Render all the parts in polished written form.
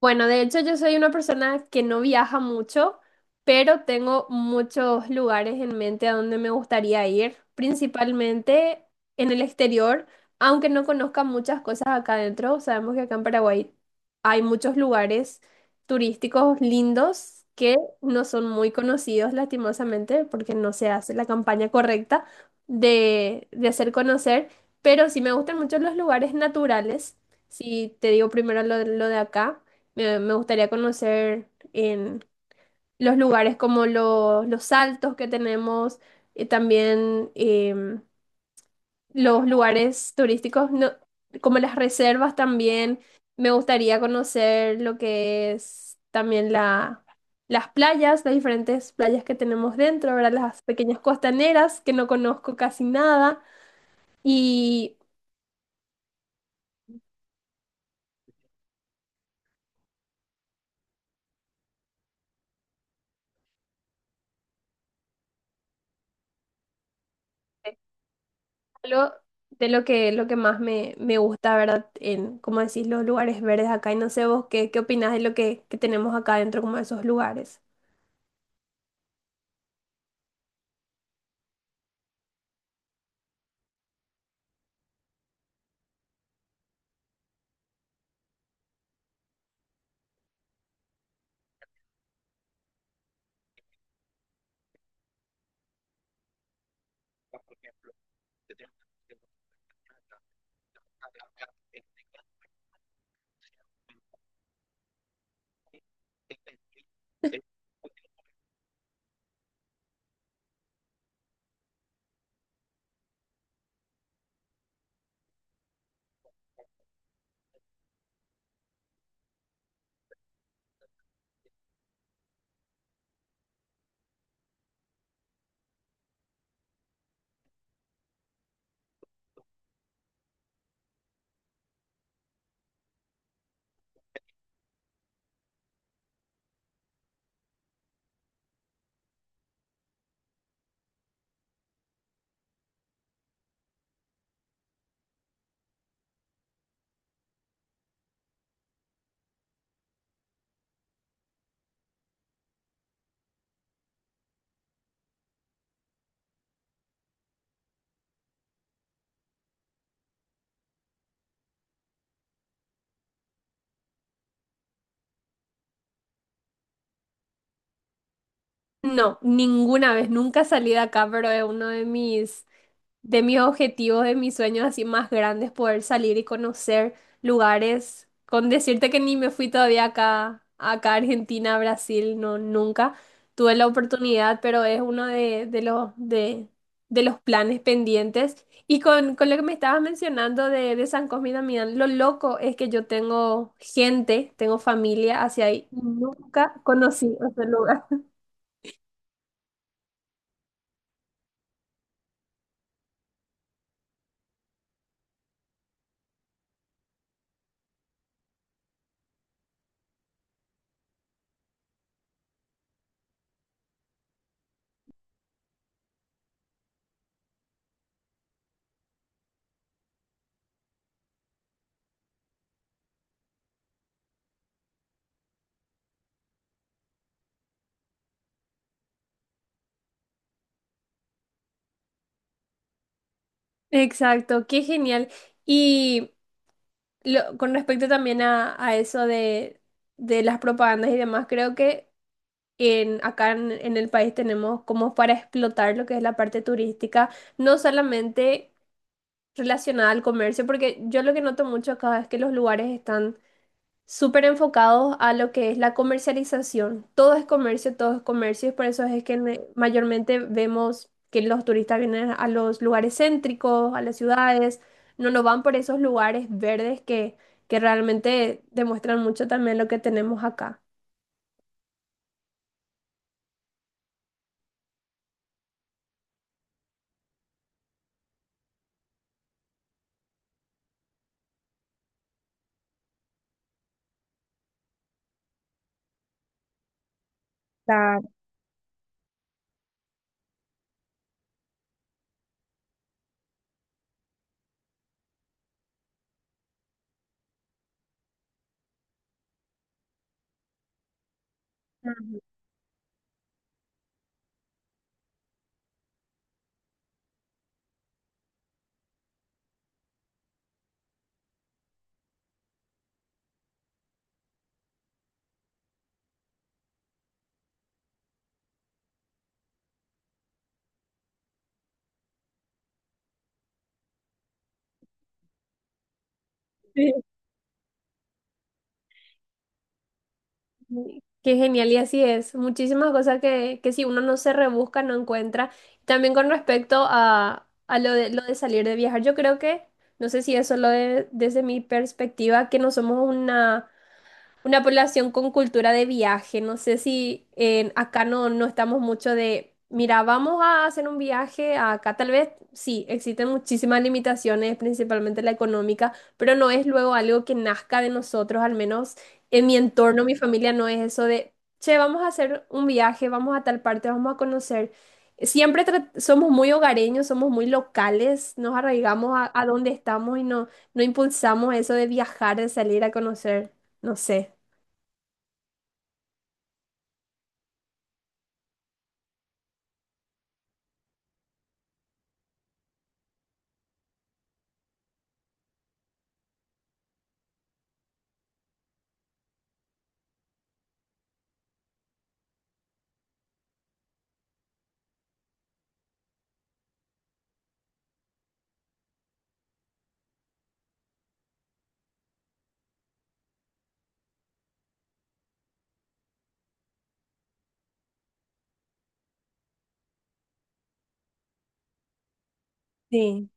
Bueno, de hecho yo soy una persona que no viaja mucho, pero tengo muchos lugares en mente a donde me gustaría ir, principalmente en el exterior, aunque no conozca muchas cosas acá adentro. Sabemos que acá en Paraguay hay muchos lugares turísticos lindos que no son muy conocidos, lastimosamente, porque no se hace la campaña correcta de hacer conocer, pero sí me gustan mucho los lugares naturales. Si te digo primero lo de acá. Me gustaría conocer en los lugares como los saltos que tenemos, y también los lugares turísticos, como las reservas también. Me gustaría conocer lo que es también las playas, las diferentes playas que tenemos dentro, ¿verdad? Las pequeñas costaneras que no conozco casi nada. Y lo, de lo que más me gusta, ¿verdad? En, como decís, los lugares verdes acá. Y no sé vos qué, qué opinás de lo que tenemos acá dentro, como de esos lugares. No, ninguna vez, nunca salí de acá, pero es uno de mis objetivos, de mis sueños así más grandes, poder salir y conocer lugares, con decirte que ni me fui todavía acá, acá a Argentina, a Brasil, no, nunca tuve la oportunidad, pero es uno de los planes pendientes. Y con lo que me estabas mencionando de San Cosme y Damián, lo loco es que yo tengo gente, tengo familia hacia ahí, nunca conocí ese lugar. Exacto, qué genial. Y con respecto también a eso de las propagandas y demás, creo que en, acá en el país tenemos como para explotar lo que es la parte turística, no solamente relacionada al comercio, porque yo lo que noto mucho acá es que los lugares están súper enfocados a lo que es la comercialización. Todo es comercio, y por eso es que mayormente vemos que los turistas vienen a los lugares céntricos, a las ciudades, no nos van por esos lugares verdes que realmente demuestran mucho también lo que tenemos acá. Claro. Ujú. Sí, qué genial, y así es. Muchísimas cosas que si uno no se rebusca, no encuentra. También con respecto a lo de salir de viajar, yo creo que, no sé si eso lo de, desde mi perspectiva, que no somos una población con cultura de viaje. No sé si acá no, no estamos mucho de, mira, vamos a hacer un viaje a acá. Tal vez sí, existen muchísimas limitaciones, principalmente la económica, pero no es luego algo que nazca de nosotros, al menos en mi entorno, mi familia no es eso de, che, vamos a hacer un viaje, vamos a tal parte, vamos a conocer. Siempre somos muy hogareños, somos muy locales, nos arraigamos a donde estamos y no, no impulsamos eso de viajar, de salir a conocer. No sé. Sí.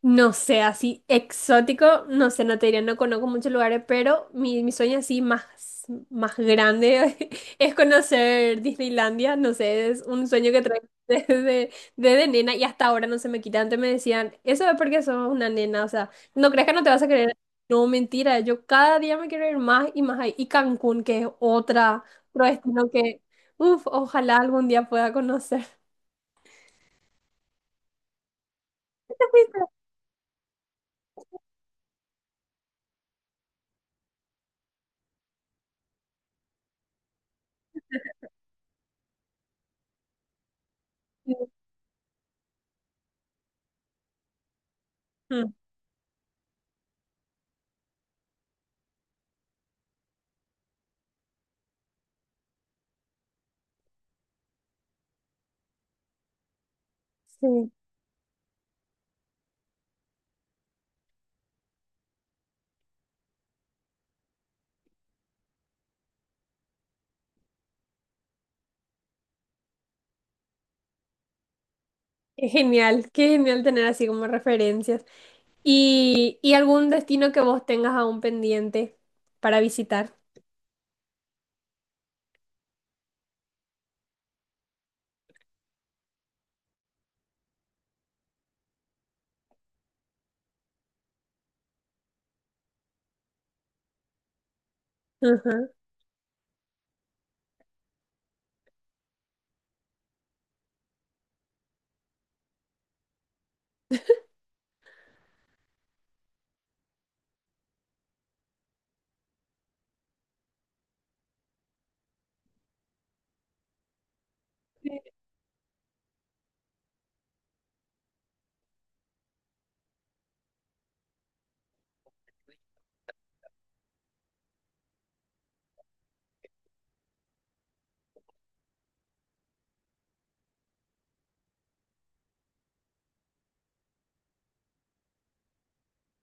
No sé, así exótico, no sé, no te diré, no conozco muchos lugares, pero mi sueño así más, más grande es conocer Disneylandia, no sé, es un sueño que traigo desde, desde nena y hasta ahora no se me quita. Antes me decían, eso es porque sos una nena, o sea, ¿no creas que no te vas a querer? No, mentira, yo cada día me quiero ir más y más ahí. Y Cancún, que es otra, otro destino que, uff, ojalá algún día pueda conocer. Sí. Qué genial, qué genial tener así como referencias. Y algún destino que vos tengas aún pendiente para visitar? Ajá. Sí,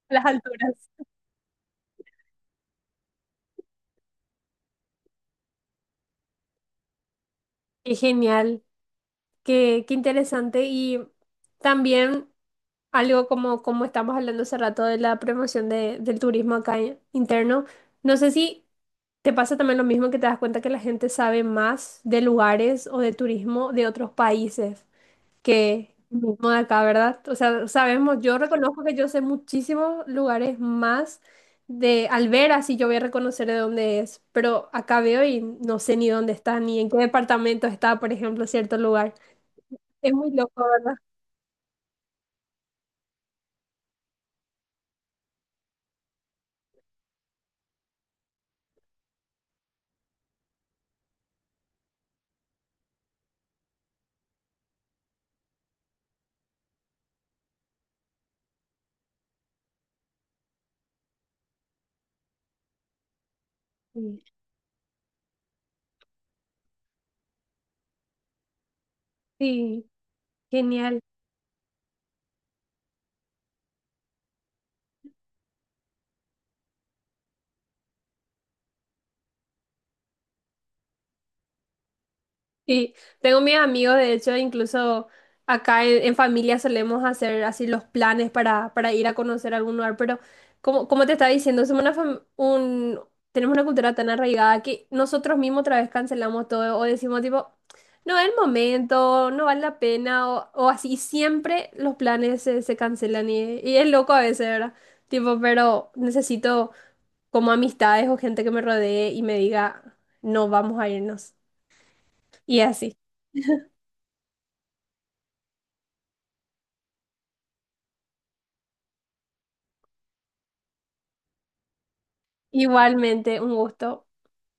las alturas. Qué genial, qué, qué interesante. Y también algo como, como estamos hablando hace rato de la promoción del turismo acá interno. No sé si te pasa también lo mismo que te das cuenta que la gente sabe más de lugares o de turismo de otros países. Que el mismo de acá, ¿verdad? O sea, sabemos, yo reconozco que yo sé muchísimos lugares más de al ver así yo voy a reconocer de dónde es, pero acá veo y no sé ni dónde está, ni en qué departamento está, por ejemplo, cierto lugar. Es muy loco, ¿verdad? Sí. Sí, genial. Sí, tengo mis amigos, de hecho, incluso acá en familia solemos hacer así los planes para ir a conocer algún lugar, pero como, como te estaba diciendo, somos una tenemos una cultura tan arraigada que nosotros mismos otra vez cancelamos todo o decimos tipo, no es el momento, no vale la pena o así, y siempre los planes se, se cancelan y es loco a veces, ¿verdad? Tipo, pero necesito como amistades o gente que me rodee y me diga, no, vamos a irnos. Y así. Igualmente, un gusto.